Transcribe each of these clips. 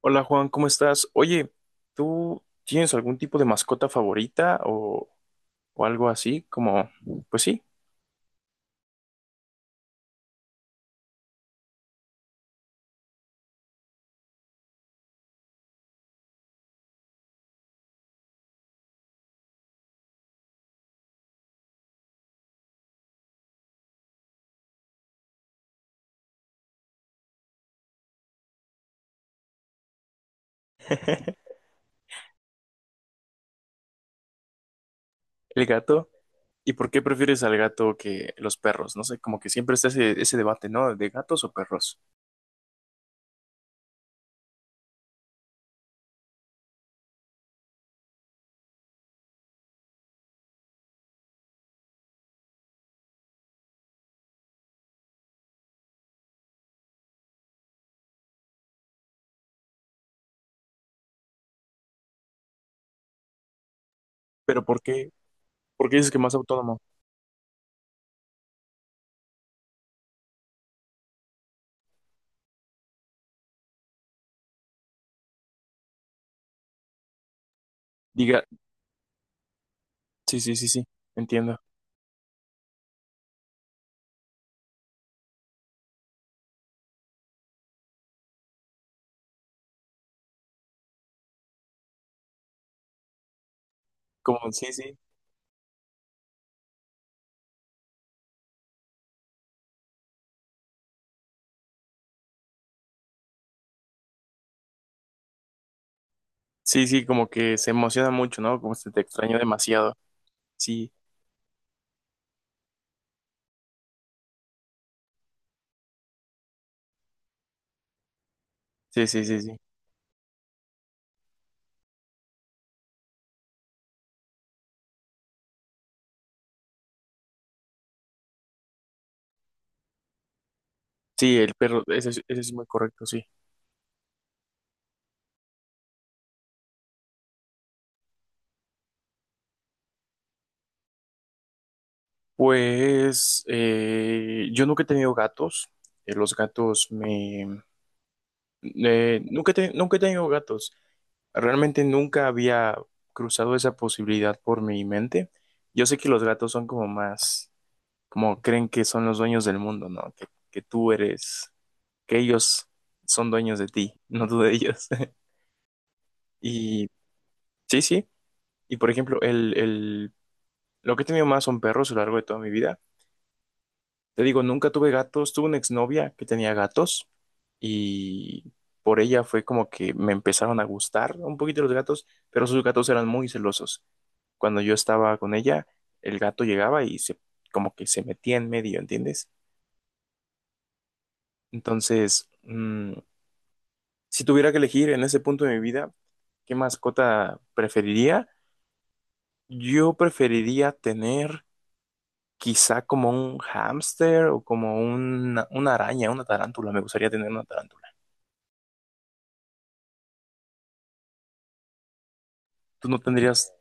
Hola Juan, ¿cómo estás? Oye, ¿tú tienes algún tipo de mascota favorita o algo así? Como, pues sí. El gato. ¿Y por qué prefieres al gato que los perros? No sé, como que siempre está ese debate, ¿no? ¿De gatos o perros? Pero ¿por qué? ¿Por qué dices que más autónomo? Diga, sí, sí, sí, sí, entiendo. Como, sí, sí, sí, sí, como que se emociona mucho, ¿no? Como se te extraña demasiado. Sí, sí, sí, sí, sí. Sí, el perro, ese, ese es muy correcto, sí. Pues yo nunca he tenido gatos. Los gatos me... nunca, nunca he tenido gatos. Realmente nunca había cruzado esa posibilidad por mi mente. Yo sé que los gatos son como más, como creen que son los dueños del mundo, ¿no? Que tú eres. Que ellos son dueños de ti, no tú de ellos. Y sí, sí. Y por ejemplo, el lo que he tenido más son perros a lo largo de toda mi vida. Te digo, nunca tuve gatos. Tuve una exnovia que tenía gatos y por ella fue como que me empezaron a gustar un poquito los gatos, pero sus gatos eran muy celosos. Cuando yo estaba con ella, el gato llegaba y se, como que se metía en medio, ¿entiendes? Entonces, si tuviera que elegir en ese punto de mi vida, ¿qué mascota preferiría? Yo preferiría tener quizá como un hámster o como una araña, una tarántula. Me gustaría tener una tarántula. ¿Tú no tendrías,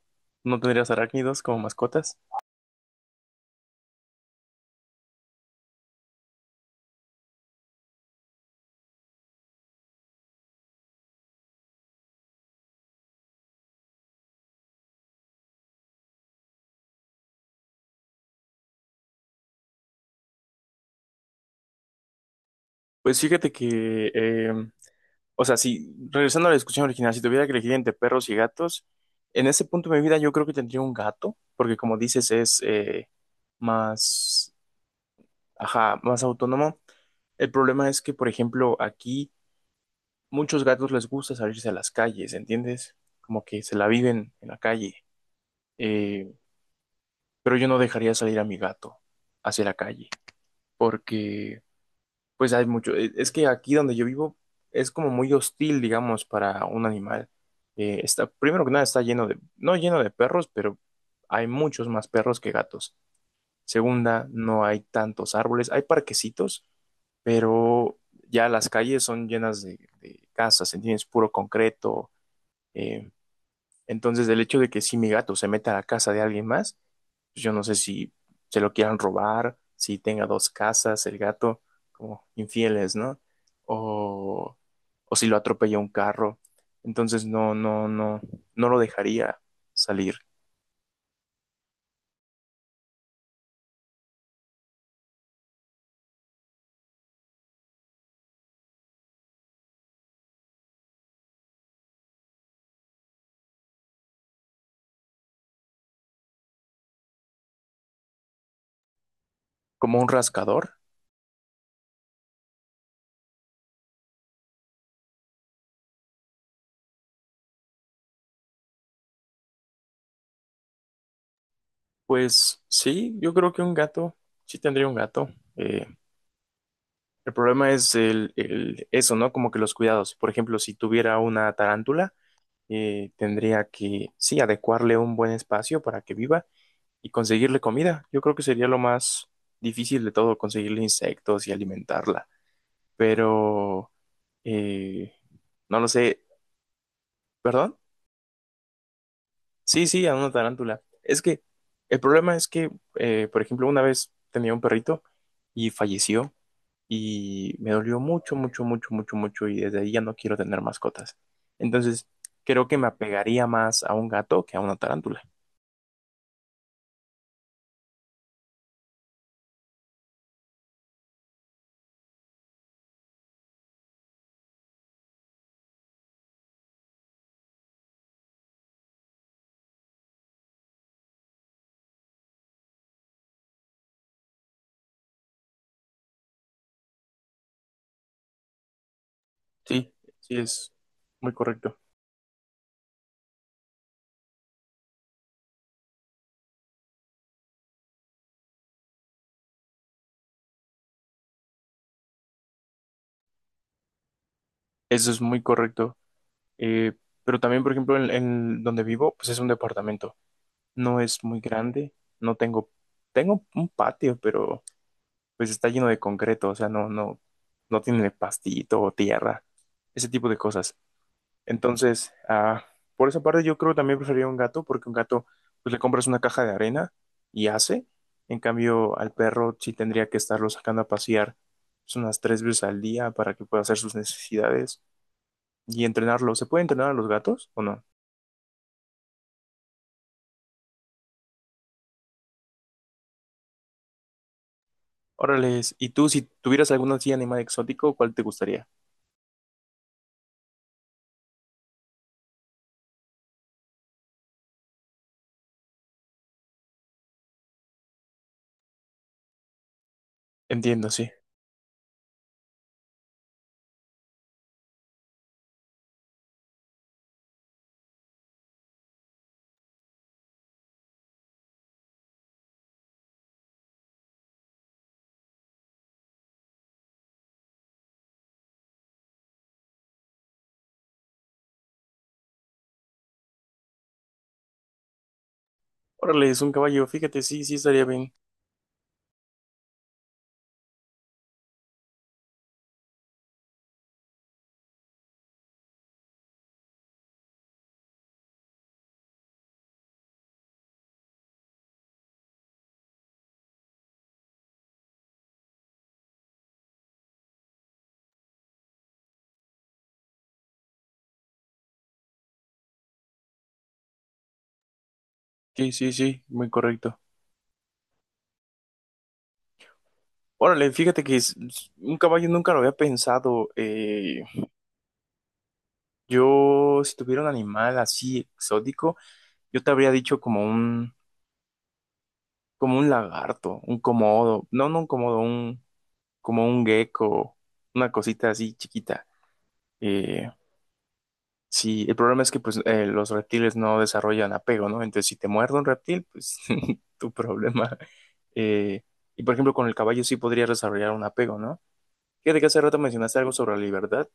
no tendrías arácnidos como mascotas? Pues fíjate que, o sea, si regresando a la discusión original, si tuviera que elegir entre perros y gatos, en ese punto de mi vida yo creo que tendría un gato, porque como dices es más ajá, más autónomo. El problema es que, por ejemplo, aquí muchos gatos les gusta salirse a las calles, ¿entiendes? Como que se la viven en la calle. Eh, pero yo no dejaría salir a mi gato hacia la calle, porque pues hay mucho. Es que aquí donde yo vivo es como muy hostil, digamos, para un animal. Está, primero que nada está lleno de, no lleno de perros, pero hay muchos más perros que gatos. Segunda, no hay tantos árboles. Hay parquecitos, pero ya las calles son llenas de casas, ¿entiendes? Puro concreto. eh, entonces, el hecho de que si mi gato se meta a la casa de alguien más, pues yo no sé si se lo quieran robar, si tenga dos casas el gato, como infieles, ¿no? O, o si lo atropella un carro. Entonces, no, no, no, no lo dejaría salir. Como un rascador. Pues sí, yo creo que un gato, sí tendría un gato. Eh, el problema es el eso, ¿no? Como que los cuidados. Por ejemplo, si tuviera una tarántula, tendría que, sí, adecuarle un buen espacio para que viva y conseguirle comida. Yo creo que sería lo más difícil de todo, conseguirle insectos y alimentarla. Pero, eh, no lo sé, ¿perdón? Sí, sí, a una tarántula. Es que el problema es que, por ejemplo, una vez tenía un perrito y falleció. Y me dolió mucho, mucho, mucho, mucho, mucho y desde ahí ya no quiero tener mascotas. Entonces, creo que me apegaría más a un gato que a una tarántula. Sí, sí, es muy correcto. Eso es muy correcto. Eh, pero también, por ejemplo, en donde vivo, pues es un departamento. No es muy grande, no tengo, tengo un patio, pero pues está lleno de concreto, o sea, no, no, no tiene pastito o tierra, ese tipo de cosas. Entonces, por esa parte yo creo que también preferiría un gato, porque un gato, pues le compras una caja de arena y hace. En cambio, al perro sí tendría que estarlo sacando a pasear pues, unas 3 veces al día para que pueda hacer sus necesidades y entrenarlo. ¿Se puede entrenar a los gatos o no? Órales, ¿y tú si tuvieras algún así animal exótico, cuál te gustaría? Entiendo, sí. Órale, es un caballo, fíjate, sí, sí estaría bien. Sí, sí, sí, muy correcto. Órale, fíjate que un caballo nunca lo había pensado. Yo, si tuviera un animal así exótico, yo te habría dicho como un lagarto, un comodo, no, no un comodo, un, como un gecko, una cosita así chiquita. Eh, sí, el problema es que pues los reptiles no desarrollan apego, ¿no? Entonces, si te muerde un reptil, pues tu problema. Eh, y por ejemplo, con el caballo sí podría desarrollar un apego, ¿no? Fíjate que hace rato mencionaste algo sobre la libertad.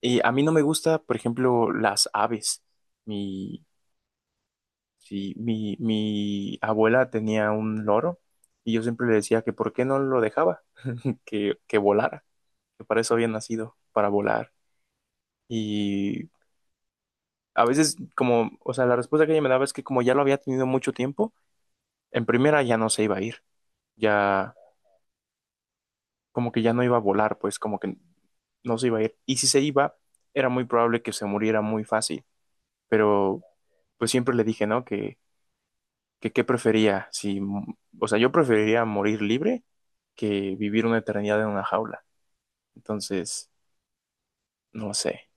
Y a mí no me gusta, por ejemplo, las aves. Mi, Sí, mi abuela tenía un loro y yo siempre le decía que por qué no lo dejaba, que volara, que para eso había nacido, para volar. Y a veces como, o sea, la respuesta que ella me daba es que como ya lo había tenido mucho tiempo, en primera ya no se iba a ir, ya como que ya no iba a volar, pues como que no se iba a ir. Y si se iba, era muy probable que se muriera muy fácil, pero pues siempre le dije, ¿no? Que qué prefería, si, o sea, yo preferiría morir libre que vivir una eternidad en una jaula. Entonces, no sé,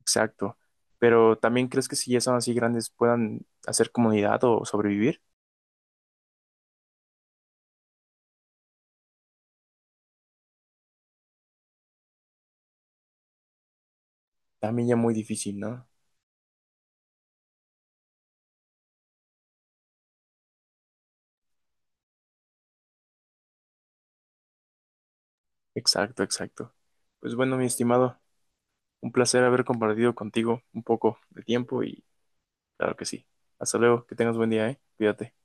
exacto. Pero también crees que si ya son así grandes puedan hacer comunidad o sobrevivir, también ya muy difícil, ¿no? Exacto, exacto. Pues bueno, mi estimado, un placer haber compartido contigo un poco de tiempo y claro que sí. Hasta luego, que tengas buen día, ¿eh? Cuídate.